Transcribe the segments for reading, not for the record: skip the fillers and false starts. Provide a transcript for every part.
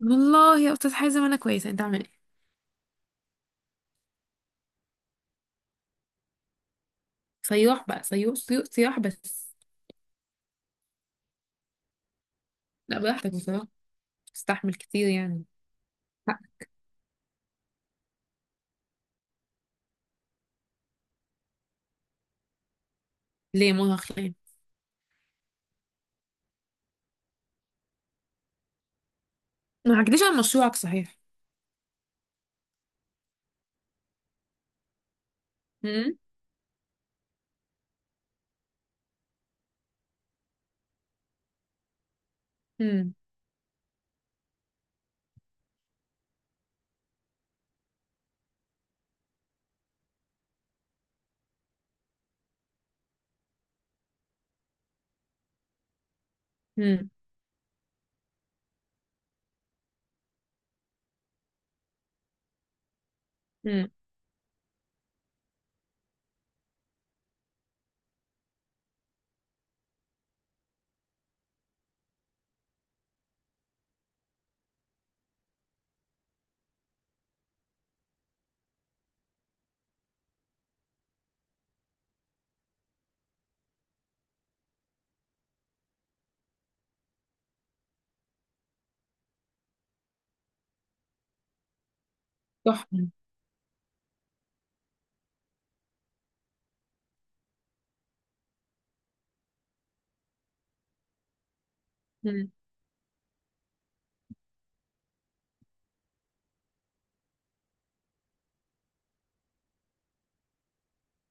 والله يا استاذ حازم، انا كويسه. انت عامل ايه؟ صياح بقى، صيوح صيوح صياح بس. لا، براحتك بصراحه. تستحمل كتير يعني حق. ليه مرهق ليه؟ ما حكيتليش عن مشروعك صحيح؟ امم. امم. امم. امم. تحفه. امم.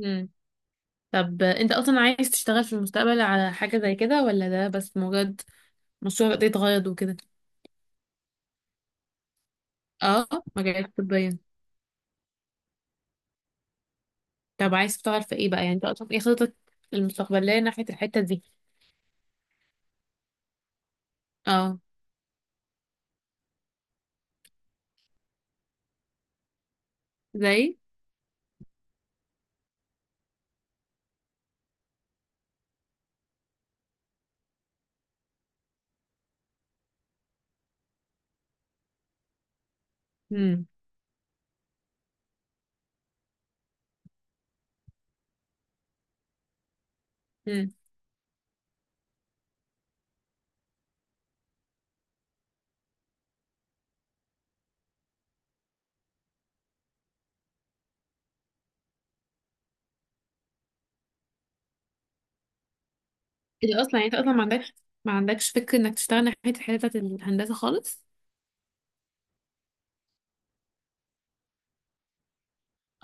امم. طب انت اصلا عايز تشتغل في المستقبل على حاجه زي كده، ولا ده بس مجرد مشروع قضية غرض وكده؟ اه. مجالات طبيه. طب عايز تشتغل في ايه بقى؟ يعني انت اصلا ايه خطتك المستقبليه ناحيه الحته دي؟ اه. زي. امم. انت اصلا يعني انت اصلا ما عندكش فكر انك تشتغل ناحية الحتة بتاعت الهندسة خالص.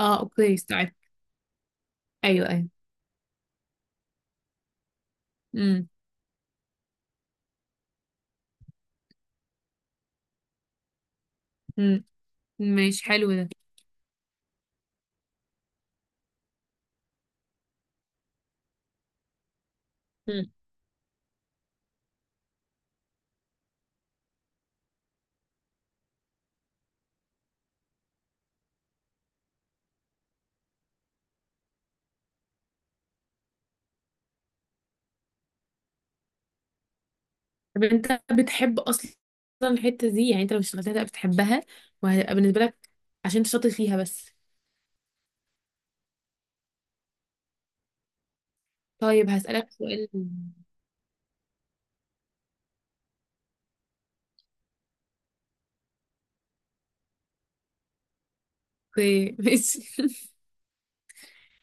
اه، اوكي، استوعب. ايوه، ايوه. امم. امم. ماشي، حلو ده. امم. طب انت بتحب اصلا الحتة دي؟ يعني انت لو اشتغلتها هتبقى بتحبها، وهتبقى بالنسبة لك عشان انت شاطر فيها بس؟ طيب هسألك سؤال. اوكي، ماشي.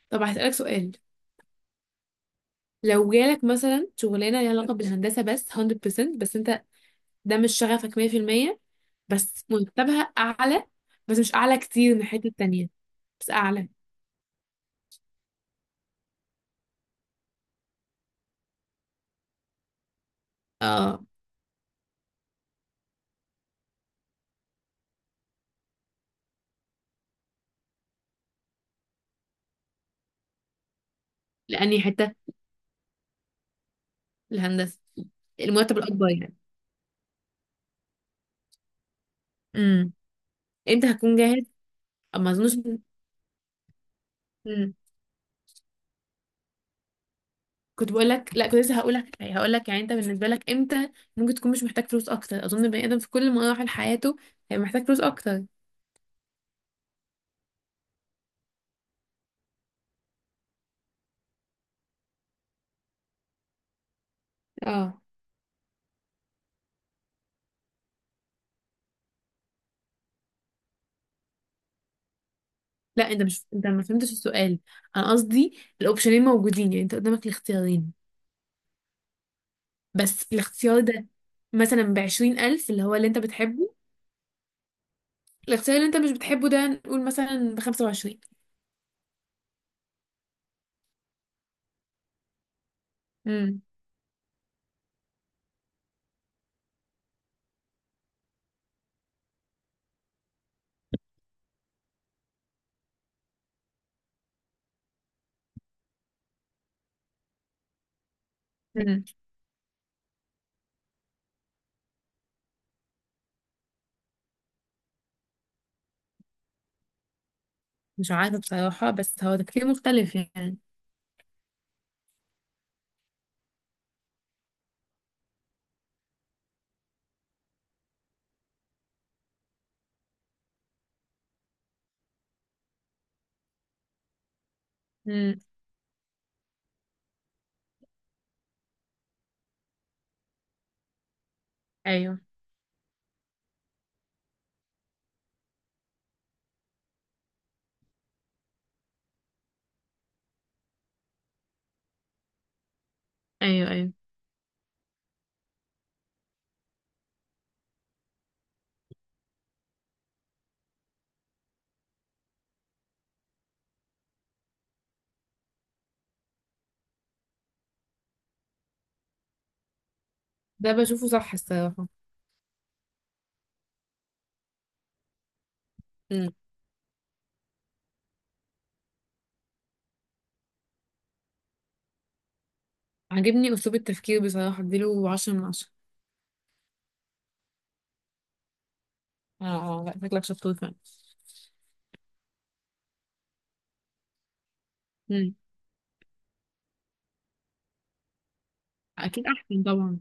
طب هسألك سؤال. لو جالك مثلا شغلانة ليها علاقة بالهندسة بس 100%، بس انت ده مش شغفك 100%، بس مرتبها اعلى، بس مش اعلى كتير من الحته التانية، بس اعلى. اه، لاني حته الهندسه. المرتب الاكبر يعني. امم. امتى هكون جاهز؟ اما اظنش. امم. كنت بقول لك، لا كنت لسه هقول لك يعني انت بالنسبه لك امتى ممكن تكون مش محتاج فلوس اكتر. اظن بني ادم في كل مراحل حياته هيبقى محتاج فلوس اكتر. اه، لا. انت ما فهمتش السؤال. انا قصدي الاوبشنين موجودين، يعني انت قدامك الاختيارين. بس الاختيار ده مثلا بـ20 ألف، اللي انت بتحبه. الاختيار اللي انت مش بتحبه ده نقول مثلا بـ25. امم. مش عارفة بصراحة، بس هو تفكير مختلف يعني. امم. ايوه، ايوه، ايوه. ده بشوفه صح الصراحة. امم. عاجبني اسلوب التفكير بصراحة، اديله 10 من 10. اه، اه، لا، شكلك شطور فعلا. امم. اكيد احسن طبعا.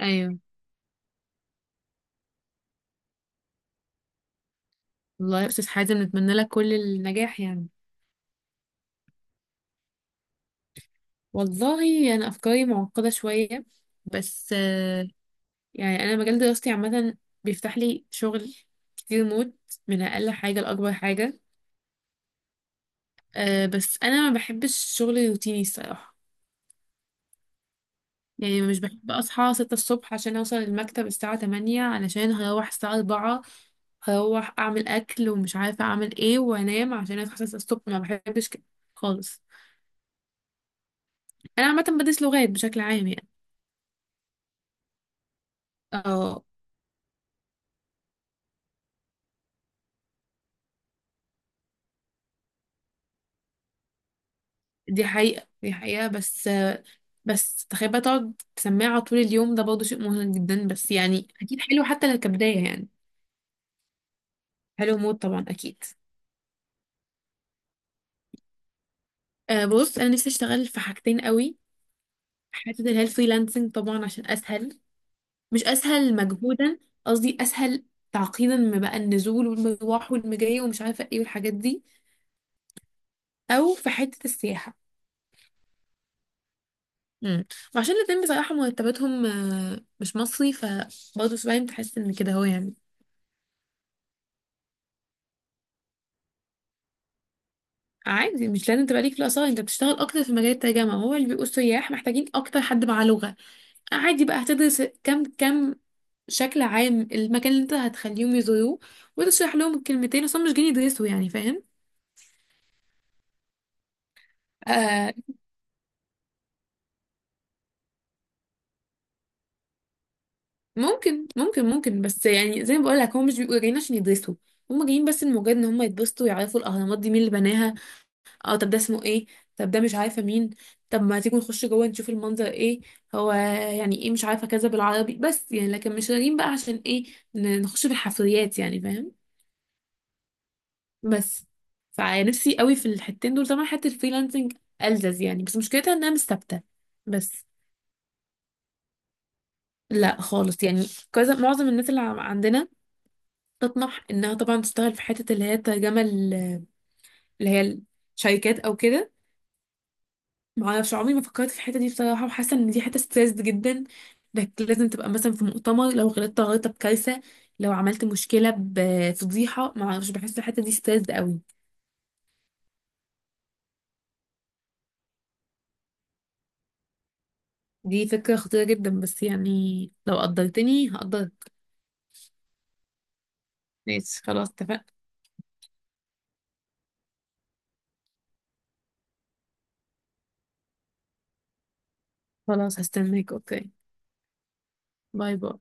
ايوه. والله يا استاذ حازم، نتمنى لك كل النجاح يعني. والله انا افكاري معقدة شوية، بس يعني انا مجال دراستي عامة، بيفتح لي شغل كتير موت، من اقل حاجة لاكبر حاجة. أه بس انا ما بحبش الشغل الروتيني الصراحة. يعني مش بحب أصحى 6 الصبح عشان أوصل المكتب الساعة 8، علشان هروح الساعة 4 هروح أعمل أكل ومش عارفة أعمل إيه وأنام، عشان أصحى 6 الصبح. ما بحبش كده خالص. أنا عامة بدرس لغات بشكل عام يعني. اه، دي حقيقة، دي حقيقة. بس، بس تخيل بقى تقعد سماعة طول اليوم، ده برضه شيء مهم جدا، بس يعني أكيد حلو حتى لو كبداية يعني. حلو موت طبعا، أكيد. أه بص، أنا نفسي أشتغل في حاجتين قوي. حتة اللي هي الفريلانسنج طبعا عشان أسهل. مش اسهل مجهودا، قصدي اسهل تعقيدا، ما بقى النزول والمروح والمجاي ومش عارفه ايه والحاجات دي. او في حته السياحه. امم. وعشان الاتنين بصراحه مرتباتهم مش مصري، فبرضه 70 تحس ان كده هو يعني. عادي مش لازم تبقى ليك في الاثار، انت بتشتغل اكتر في مجال الترجمه، هو اللي بيبقوا السياح محتاجين اكتر حد معاه لغه. عادي بقى هتدرس كم كم شكل عام المكان اللي انت هتخليهم يزوروه، وتشرح لهم الكلمتين، اصلا مش جايين يدرسوا يعني فاهم. آه، ممكن، ممكن، ممكن، بس يعني زي ما بقول لك هم مش بيبقوا جايين عشان يدرسوا. هم جايين بس لمجرد ان هم يتبسطوا، يعرفوا الاهرامات دي مين اللي بناها. اه طب ده اسمه ايه؟ طب ده مش عارفه مين؟ طب ما تيجوا نخش جوه نشوف المنظر ايه؟ هو يعني ايه مش عارفه كذا بالعربي، بس يعني لكن مش جايين بقى عشان ايه؟ نخش في الحفريات يعني فاهم. بس فنفسي قوي في الحتتين دول طبعا. حته الفريلانسنج ألذذ يعني، بس مشكلتها انها مش ثابته. بس لا خالص يعني، كذا معظم الناس اللي عندنا تطمح انها طبعا تشتغل في حته اللي هي الترجمه اللي هي الشركات او كده. معرفش عمري ما فكرت في الحته دي بصراحه، وحاسه ان دي حته ستريسد جدا، انك لازم تبقى مثلا في مؤتمر، لو غلطت غلطه بكارثه، لو عملت مشكله بفضيحه، معرفش بحس الحته دي ستريسد قوي. دي فكره خطيره جدا، بس يعني لو قدرتني هقدرك. ماشي خلاص، اتفقنا. خلاص هستناك اوكي. باي باي.